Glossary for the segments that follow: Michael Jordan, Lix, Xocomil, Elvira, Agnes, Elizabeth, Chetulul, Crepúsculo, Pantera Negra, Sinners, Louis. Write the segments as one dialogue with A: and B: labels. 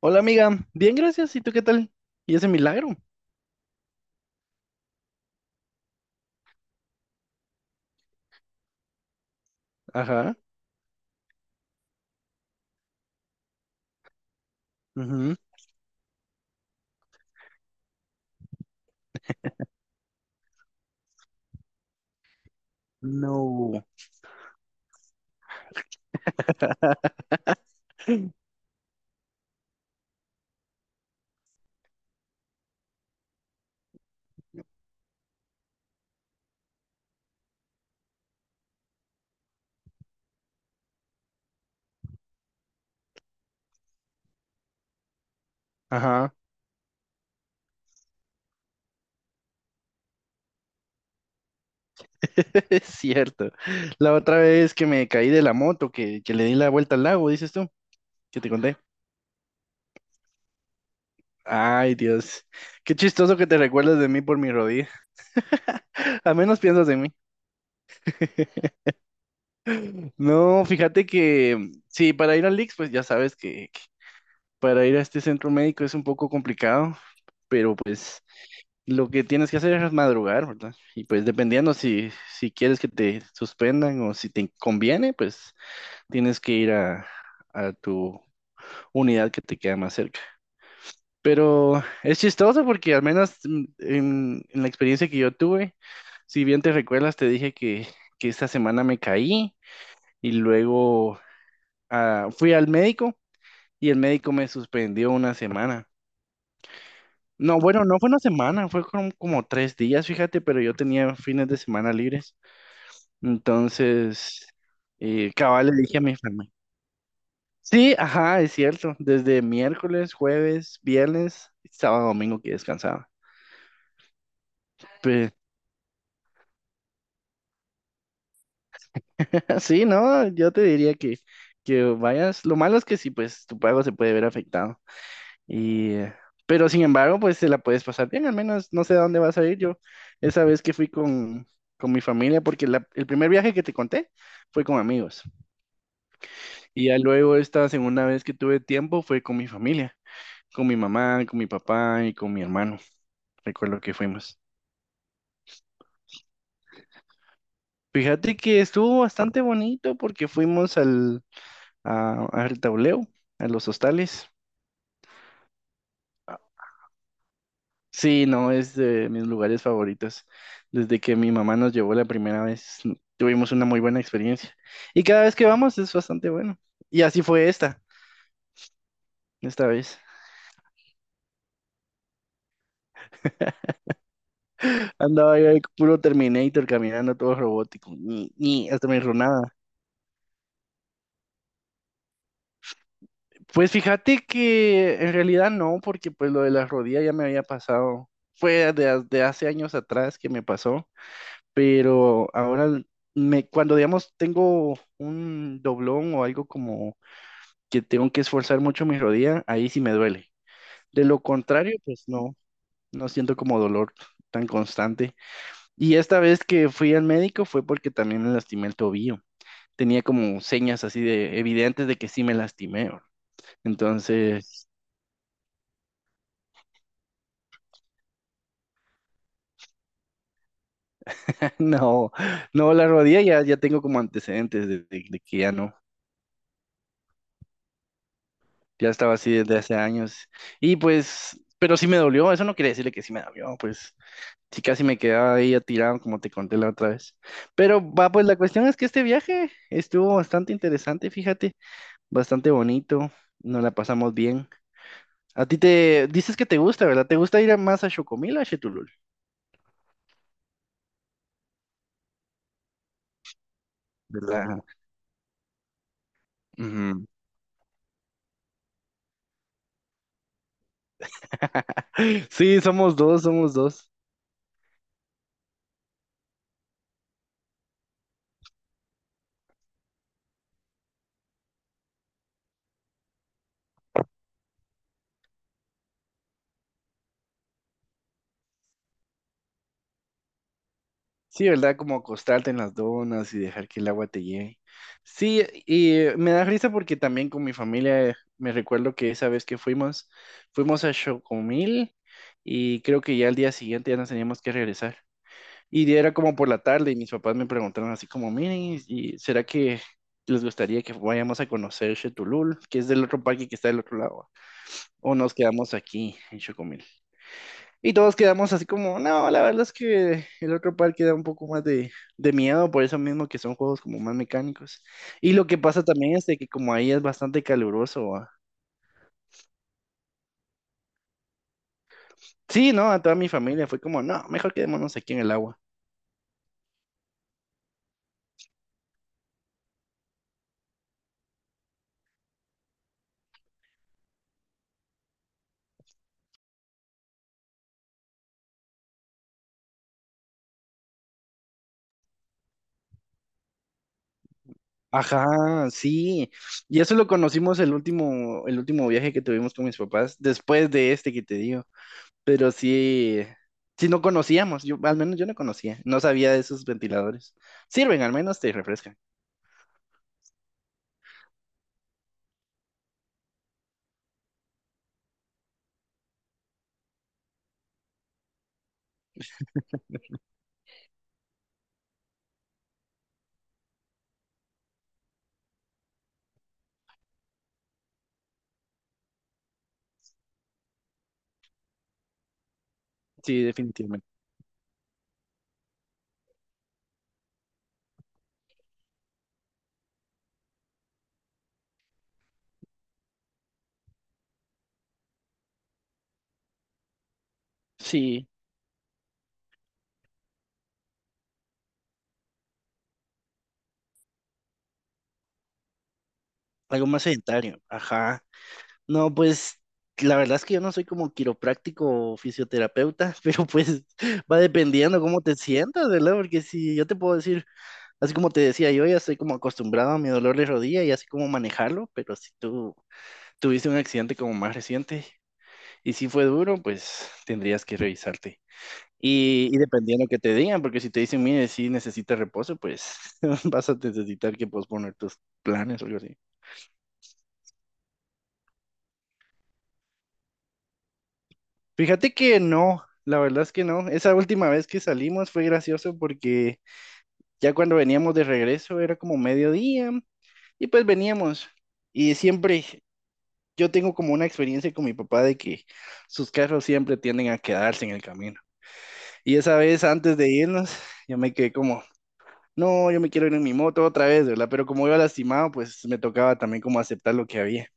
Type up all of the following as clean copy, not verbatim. A: Hola amiga, bien gracias, ¿y tú qué tal? ¿Y ese milagro? Ajá, ujú, no, ajá, es cierto. La otra vez que me caí de la moto, que le di la vuelta al lago, dices tú, que te conté. Ay, Dios, qué chistoso que te recuerdas de mí por mi rodilla. Al menos piensas en mí. No, fíjate que sí, para ir al Lix, pues ya sabes que para ir a este centro médico es un poco complicado, pero pues lo que tienes que hacer es madrugar, ¿verdad? Y pues dependiendo si quieres que te suspendan o si te conviene, pues tienes que ir a tu unidad que te queda más cerca. Pero es chistoso porque al menos en la experiencia que yo tuve, si bien te recuerdas, te dije que esta semana me caí y luego fui al médico y el médico me suspendió una semana. No, bueno, no fue una semana, fue como tres días, fíjate, pero yo tenía fines de semana libres. Entonces, cabal le dije a mi familia. Sí, ajá, es cierto. Desde miércoles, jueves, viernes, sábado, domingo que descansaba. Pues, sí, no, yo te diría que vayas. Lo malo es que sí, pues tu pago se puede ver afectado. Y, pero sin embargo, pues te la puedes pasar bien. Al menos no sé a dónde vas a ir. Yo esa vez que fui con mi familia, porque el primer viaje que te conté fue con amigos. Y ya luego esta segunda vez que tuve tiempo fue con mi familia, con mi mamá, con mi papá y con mi hermano. Recuerdo que fuimos. Fíjate que estuvo bastante bonito porque fuimos al tableo, a los hostales. Sí, no, es de mis lugares favoritos. Desde que mi mamá nos llevó la primera vez, tuvimos una muy buena experiencia. Y cada vez que vamos es bastante bueno. Y así fue esta vez. Andaba yo ahí puro Terminator caminando todo robótico. Ni, hasta me enronaba. Pues fíjate que en realidad no, porque pues lo de las rodillas ya me había pasado. Fue de hace años atrás que me pasó, pero ahora cuando digamos tengo un doblón o algo como que tengo que esforzar mucho mi rodilla, ahí sí me duele. De lo contrario, pues no, no siento como dolor tan constante. Y esta vez que fui al médico fue porque también me lastimé el tobillo. Tenía como señas así de evidentes de que sí me lastimé. Entonces, no, no, la rodilla ya, tengo como antecedentes de que ya no, ya estaba así desde hace años. Y pues, pero sí me dolió, eso no quería decirle que sí me dolió, pues sí casi me quedaba ahí tirado como te conté la otra vez. Pero va, pues la cuestión es que este viaje estuvo bastante interesante, fíjate, bastante bonito, nos la pasamos bien. A ti te dices que te gusta, ¿verdad? ¿Te gusta ir más a Xocomil o a Chetulul? ¿Verdad? Ujú. Sí, somos dos, somos dos. Sí, ¿verdad? Como acostarte en las donas y dejar que el agua te llegue. Sí, y me da risa porque también con mi familia me recuerdo que esa vez que fuimos a Chocomil y creo que ya al día siguiente ya nos teníamos que regresar. Y era como por la tarde y mis papás me preguntaron así como, miren, ¿y será que les gustaría que vayamos a conocer Chetulul, que es del otro parque que está del otro lado? ¿O nos quedamos aquí en Chocomil? Y todos quedamos así como, no, la verdad es que el otro parque da un poco más de miedo, por eso mismo que son juegos como más mecánicos. Y lo que pasa también es de que como ahí es bastante caluroso. Ah. Sí, no, a toda mi familia fue como, no, mejor quedémonos aquí en el agua. Ajá, sí. Y eso lo conocimos el último viaje que tuvimos con mis papás, después de este que te digo. Pero sí, sí no conocíamos, yo, al menos yo no conocía, no sabía de esos ventiladores. Sirven, al menos te refrescan. Sí, definitivamente. Sí. Algo más sedentario, ajá. No, pues la verdad es que yo no soy como quiropráctico o fisioterapeuta, pero pues va dependiendo cómo te sientas, ¿verdad? Porque si yo te puedo decir, así como te decía, yo ya estoy como acostumbrado a mi dolor de rodilla y así como manejarlo, pero si tú tuviste un accidente como más reciente y si fue duro, pues tendrías que revisarte. Y dependiendo que te digan, porque si te dicen, mire, si necesitas reposo, pues vas a necesitar que posponer tus planes o algo así. Fíjate que no, la verdad es que no. Esa última vez que salimos fue gracioso porque ya cuando veníamos de regreso era como mediodía y pues veníamos. Y siempre yo tengo como una experiencia con mi papá de que sus carros siempre tienden a quedarse en el camino. Y esa vez antes de irnos, yo me quedé como, no, yo me quiero ir en mi moto otra vez, ¿verdad? Pero como iba lastimado, pues me tocaba también como aceptar lo que había.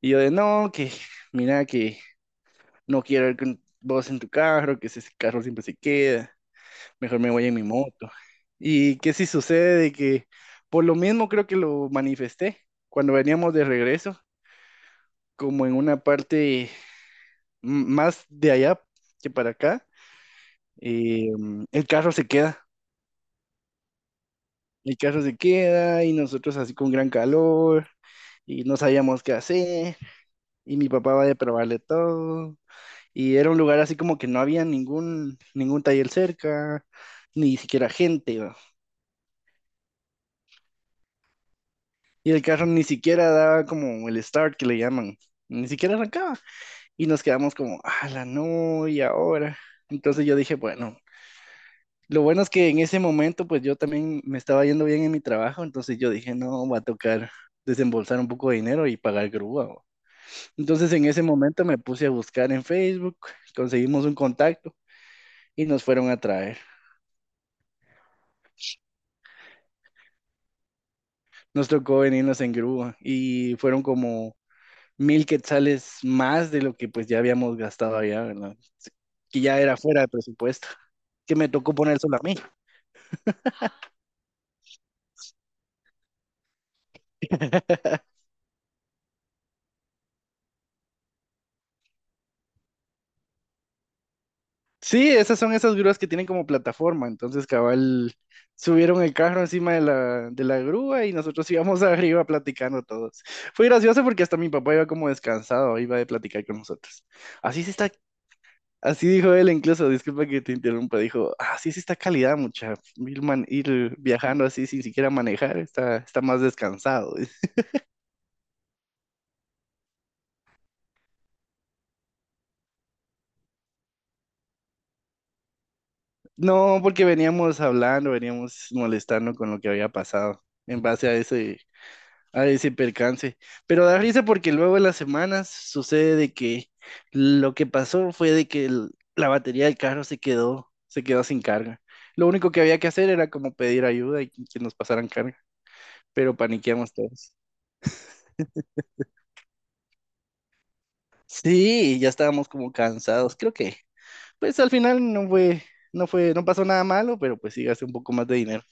A: Y yo de, no, que mira que no quiero ir con vos en tu carro, que ese carro siempre se queda. Mejor me voy en mi moto. Y que si sucede de que, por lo mismo creo que lo manifesté cuando veníamos de regreso, como en una parte más de allá que para acá, eh, el carro se queda, el carro se queda y nosotros así con gran calor y no sabíamos qué hacer y mi papá va a probarle todo y era un lugar así como que no había ningún taller cerca, ni siquiera gente. Y el carro ni siquiera daba como el start que le llaman, ni siquiera arrancaba. Y nos quedamos como, la no! ¿Y ahora? Entonces yo dije, bueno, lo bueno es que en ese momento pues yo también me estaba yendo bien en mi trabajo, entonces yo dije, no, va a tocar desembolsar un poco de dinero y pagar grúa. Bo". Entonces en ese momento me puse a buscar en Facebook, conseguimos un contacto y nos fueron a traer. Nos tocó venirnos en grúa y fueron como 1,000 quetzales más de lo que pues ya habíamos gastado allá, ¿verdad? Que ya era fuera de presupuesto, que me tocó poner solo a mí. Sí, esas son esas grúas que tienen como plataforma, entonces cabal subieron el carro encima de la grúa y nosotros íbamos arriba platicando todos. Fue gracioso porque hasta mi papá iba como descansado, iba de platicar con nosotros. Así se está, así dijo él incluso, disculpa que te interrumpa, dijo, así se está calidad mucha, ir, ir viajando así sin siquiera manejar, está más descansado. No, porque veníamos hablando, veníamos molestando con lo que había pasado en base a ese, percance. Pero da risa porque luego en las semanas sucede de que lo que pasó fue de que la batería del carro se quedó sin carga. Lo único que había que hacer era como pedir ayuda y que nos pasaran carga, pero paniqueamos todos. Sí, ya estábamos como cansados. Creo que, pues al final no fue, no pasó nada malo, pero pues sí gasté un poco más de dinero.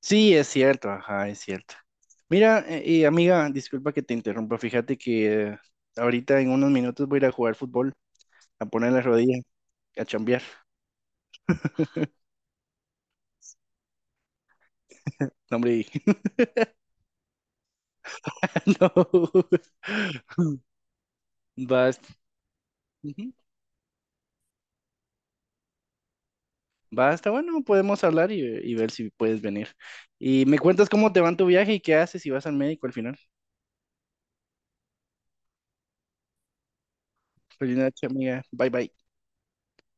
A: Sí, es cierto, ajá, es cierto. Mira, y amiga, disculpa que te interrumpa, fíjate que ahorita en unos minutos voy a ir a jugar fútbol, a poner la rodilla, a chambear. No, hombre, no. Basta, ujú, bueno, podemos hablar y ver si puedes venir. Y me cuentas cómo te va en tu viaje y qué haces si vas al médico al final. Feliz noche, amiga. Bye, bye.